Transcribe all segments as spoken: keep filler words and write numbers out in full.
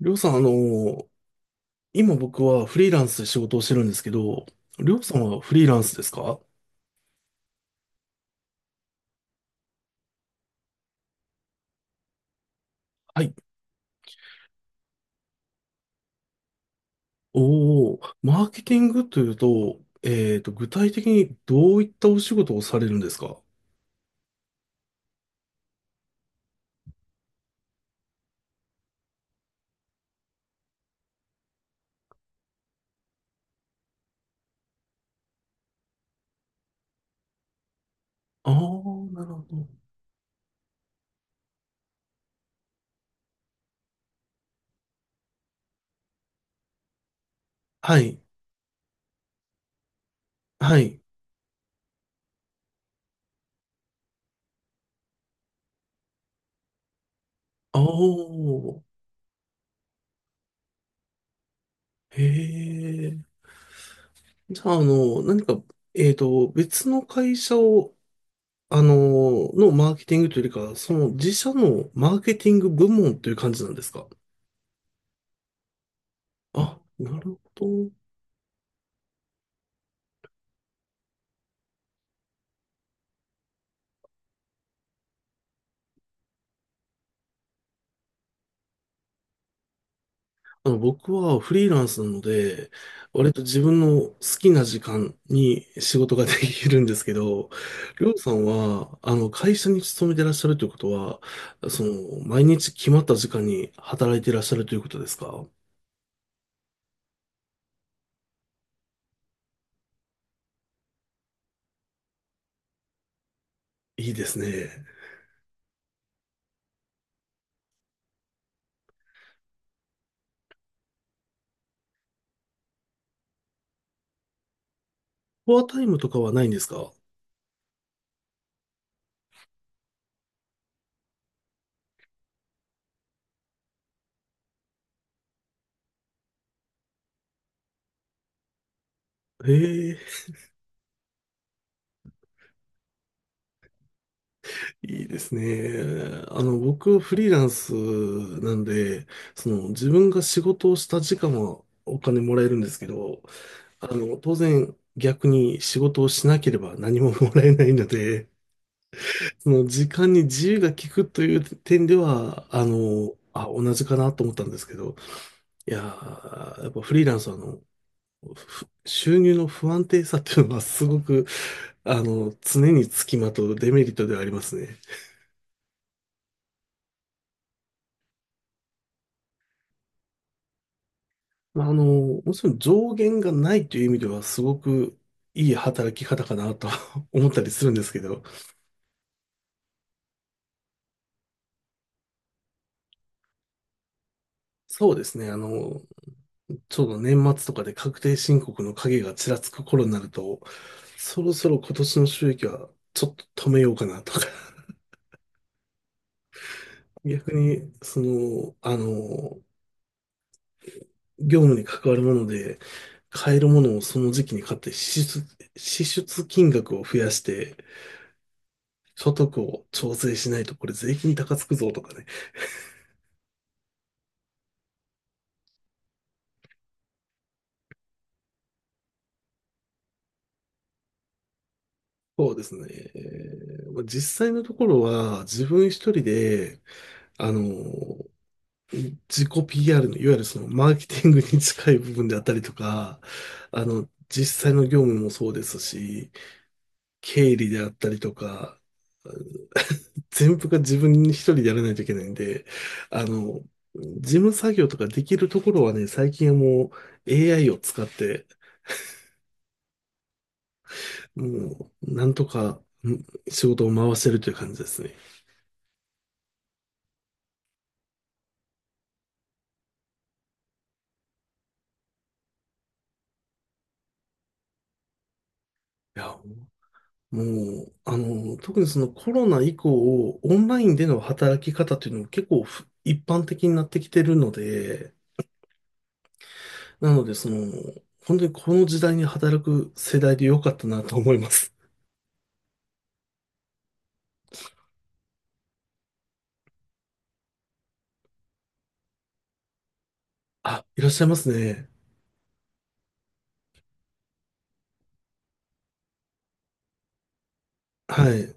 りょうさん、あのー今僕はフリーランスで仕事をしてるんですけど、りょうさんはフリーランスですか？はい。おー、マーケティングというと、えっと、具体的にどういったお仕事をされるんですか？ああー、なるほど。はい。はい。あー、へえ。じゃあ、あの、何か、えっと、別の会社を、あのーのマーケティングというよりかその自社のマーケティング部門という感じなんですか？あ、なるほど。あの、僕はフリーランスなので、割と自分の好きな時間に仕事が できるんですけど、りょうさんは、あの、会社に勤めてらっしゃるということは、その、毎日決まった時間に働いてらっしゃるということですか？いいですね。フォアタイムとかはないんですか？へえ、いいですね。あの、僕、フリーランスなんで、その、自分が仕事をした時間はお金もらえるんですけど、あの、当然逆に仕事をしなければ何ももらえないので、その時間に自由が利くという点では、あの、あ、同じかなと思ったんですけど、いやー、やっぱフリーランスはあの、ふ収入の不安定さっていうのはすごく、あの、常につきまとうデメリットではありますね。まあ、あの、もちろん上限がないという意味ではすごくいい働き方かなと 思ったりするんですけど、そうですね、あの、ちょうど年末とかで確定申告の影がちらつく頃になると、そろそろ今年の収益はちょっと止めようかなとか、逆に、その、あの、業務に関わるもので、買えるものをその時期に買って支出、支出金額を増やして、所得を調整しないとこれ税金高つくぞとかね。そうですね。えーまあ実際のところは自分一人で、あの、自己 ピーアール の、いわゆるそのマーケティングに近い部分であったりとか、あの、実際の業務もそうですし、経理であったりとか、全部が自分一人でやらないといけないんで、あの、事務作業とかできるところはね、最近はもう エーアイ を使って、もう、なんとかん仕事を回してるという感じですね。いや、もう、あの、特にそのコロナ以降、オンラインでの働き方というのも結構ふ一般的になってきてるので、なので、その、本当にこの時代に働く世代で良かったなと思います。あ、いらっしゃいますね。はい。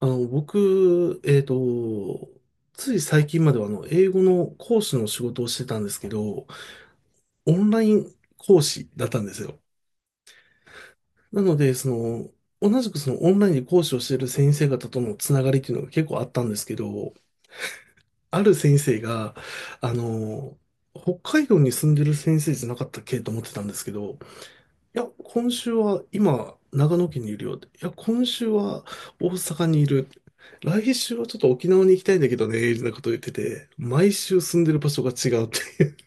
あの、僕、えっと、つい最近まではあの、英語の講師の仕事をしてたんですけど、オンライン講師だったんですよ。なので、その、同じくそのオンラインで講師をしている先生方とのつながりっていうのが結構あったんですけど、ある先生が、あの、北海道に住んでる先生じゃなかったっけと思ってたんですけど、いや、今週は今、長野県にいるよって、いや、今週は大阪にいる。来週はちょっと沖縄に行きたいんだけどね、みたいなことを言ってて、毎週住んでる場所が違うっていう、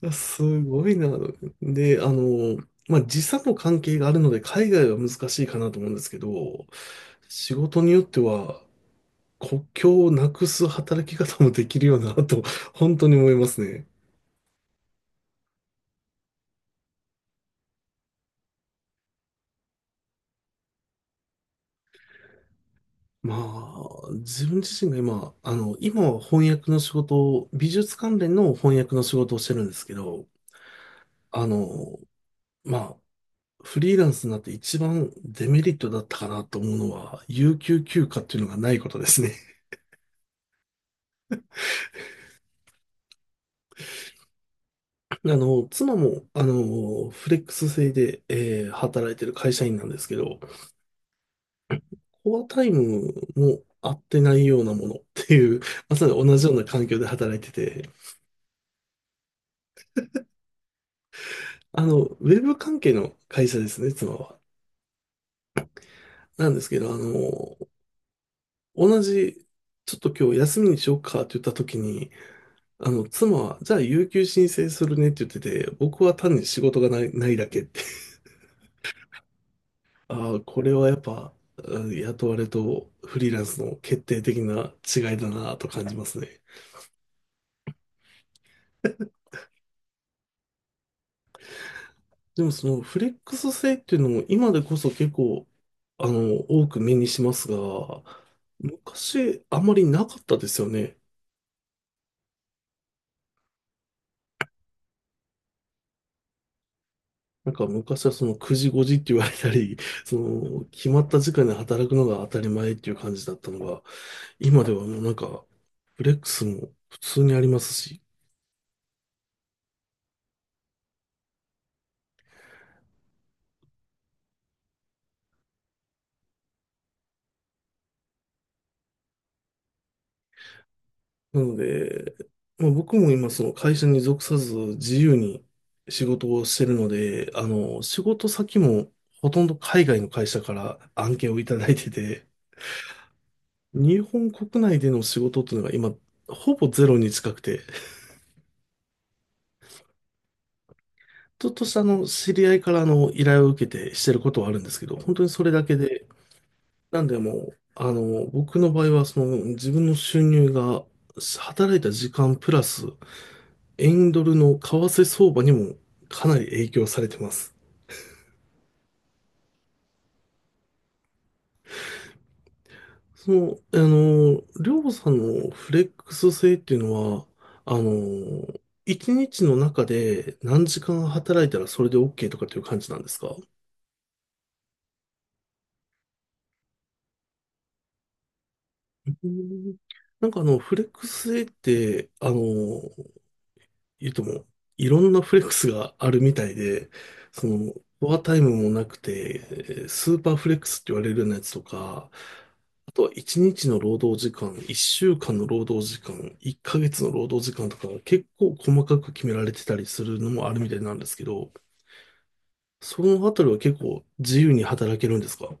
やすごいな。で、あの、まあ、時差の関係があるので、海外は難しいかなと思うんですけど、仕事によっては、国境をなくす働き方もできるよなと、本当に思いますね。まあ、自分自身が今、あの、今は翻訳の仕事を、美術関連の翻訳の仕事をしてるんですけど、あの、まあ、フリーランスになって一番デメリットだったかなと思うのは、有給休暇っていうのがないことですね。あの、妻も、あの、フレックス制で、えー働いてる会社員なんですけど、コアタイムも合ってないようなものっていう、まさに同じような環境で働いてて、あの、ウェブ関係の会社ですね、妻は。なんですけど、あの、同じ、ちょっと今日休みにしようかって言った時に、あの、妻は、じゃあ、有給申請するねって言ってて、僕は単に仕事がない、ないだけって、ああ、これはやっぱ、うん雇われとフリーランスの決定的な違いだなと感じますね。でもそのフレックス性っていうのも今でこそ結構、あの、多く目にしますが、昔あまりなかったですよね。なんか昔はそのくじごじって言われたり、その決まった時間で働くのが当たり前っていう感じだったのが、今ではもうなんかフレックスも普通にありますし、なので、まあ、僕も今その会社に属さず自由に仕事をしてるので、あの、仕事先もほとんど海外の会社から案件をいただいてて、日本国内での仕事っていうのが今、ほぼゼロに近くて、ちょっとしたあの、知り合いからあの、依頼を受けてしてることはあるんですけど、本当にそれだけで、なんでもう、あの、僕の場合はその、自分の収入が働いた時間プラス、円ドルの為替相場にもかなり影響されてます。その、あの、りょうさんのフレックス性っていうのは、あの、一日の中で何時間働いたらそれで OK とかっていう感じなんですか？うんなんかあの、フレックス性って、あの、言うとも、いろんなフレックスがあるみたいで、その、フォアタイムもなくて、えースーパーフレックスって言われるようなやつとか、あとはいちにちの労働時間、いっしゅうかんの労働時間、いっかげつの労働時間とか、結構細かく決められてたりするのもあるみたいなんですけど、そのあたりは結構自由に働けるんですか？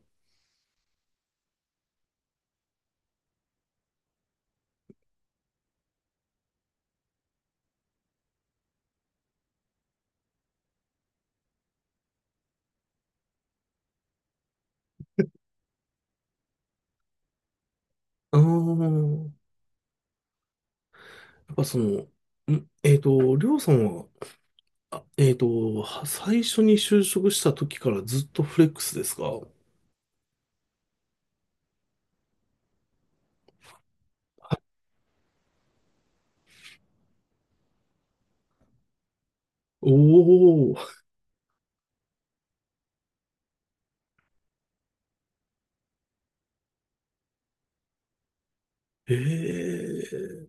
ああ、やっぱその、ん、えっと、りょうさんは、あ、えっと、は最初に就職した時からずっとフレックスですか？おおー、ええ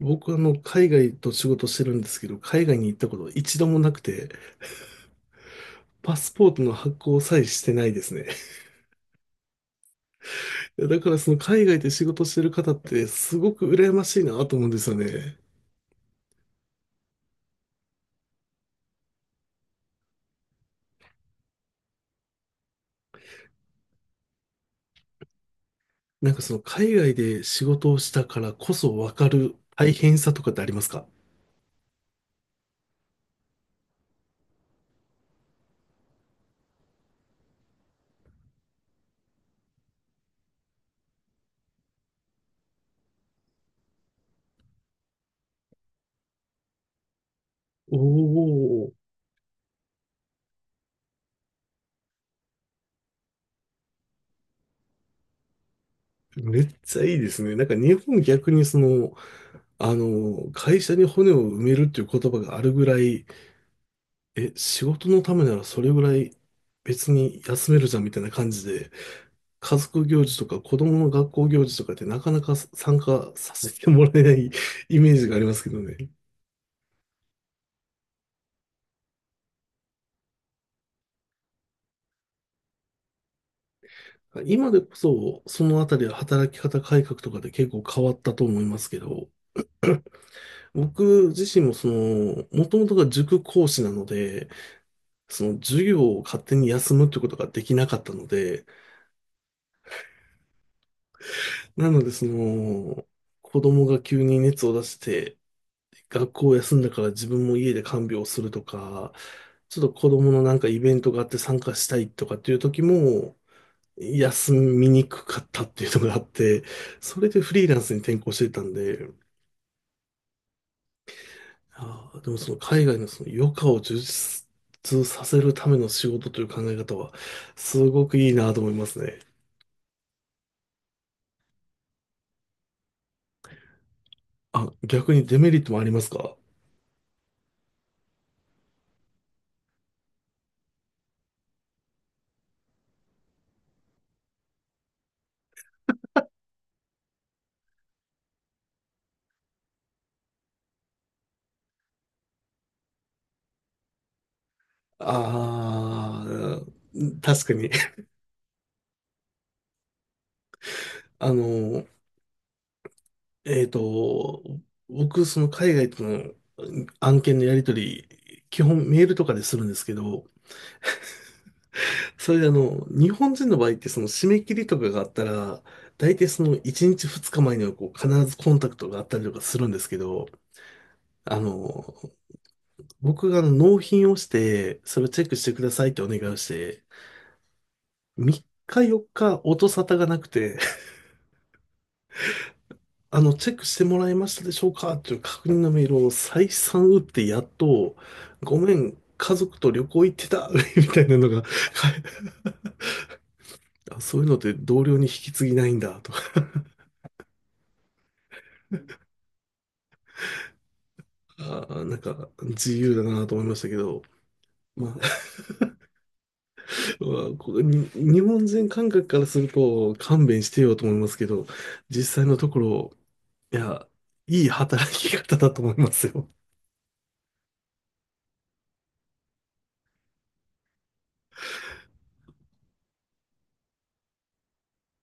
僕あの、海外と仕事してるんですけど、海外に行ったこと一度もなくて、パスポートの発行さえしてないですね。だからその海外で仕事してる方ってすごく羨ましいなと思うんですよね。なんかその海外で仕事をしたからこそわかる大変さとかってありますか？お、めっちゃいいですね。なんか日本逆にその、あの、会社に骨を埋めるっていう言葉があるぐらい、え、仕事のためならそれぐらい別に休めるじゃんみたいな感じで、家族行事とか子供の学校行事とかってなかなか参加させてもらえない イメージがありますけどね。今でこそ、そのあたりは働き方改革とかで結構変わったと思いますけど、僕自身もその、もともとが塾講師なので、その授業を勝手に休むってことができなかったので、なのでその、子供が急に熱を出して、学校を休んだから自分も家で看病をするとか、ちょっと子供のなんかイベントがあって参加したいとかっていう時も、休みにくかったっていうのがあって、それでフリーランスに転向していたんで、あーでもその海外のその余暇を充実させるための仕事という考え方は、すごくいいなと思いますね。あ、逆にデメリットもありますか？ああー、確かに。あの、えっと、僕、その海外との案件のやり取り、基本メールとかでするんですけど、それであの、日本人の場合ってその締め切りとかがあったら、大体そのいちにちふつかまえにはこう必ずコンタクトがあったりとかするんですけど、あの、僕があの納品をして、それをチェックしてくださいってお願いをして、みっかよっか音沙汰がなくて、あの、チェックしてもらえましたでしょうかという確認のメールを再三打ってやっと、ごめん、家族と旅行行ってた みたいなのが、あ、そういうのって同僚に引き継ぎないんだとか、あーなんか自由だなと思いましたけど、まあ、まあこれに日本人感覚からすると勘弁してよと思いますけど、実際のところ、いや、いい働き方だと思いますよ。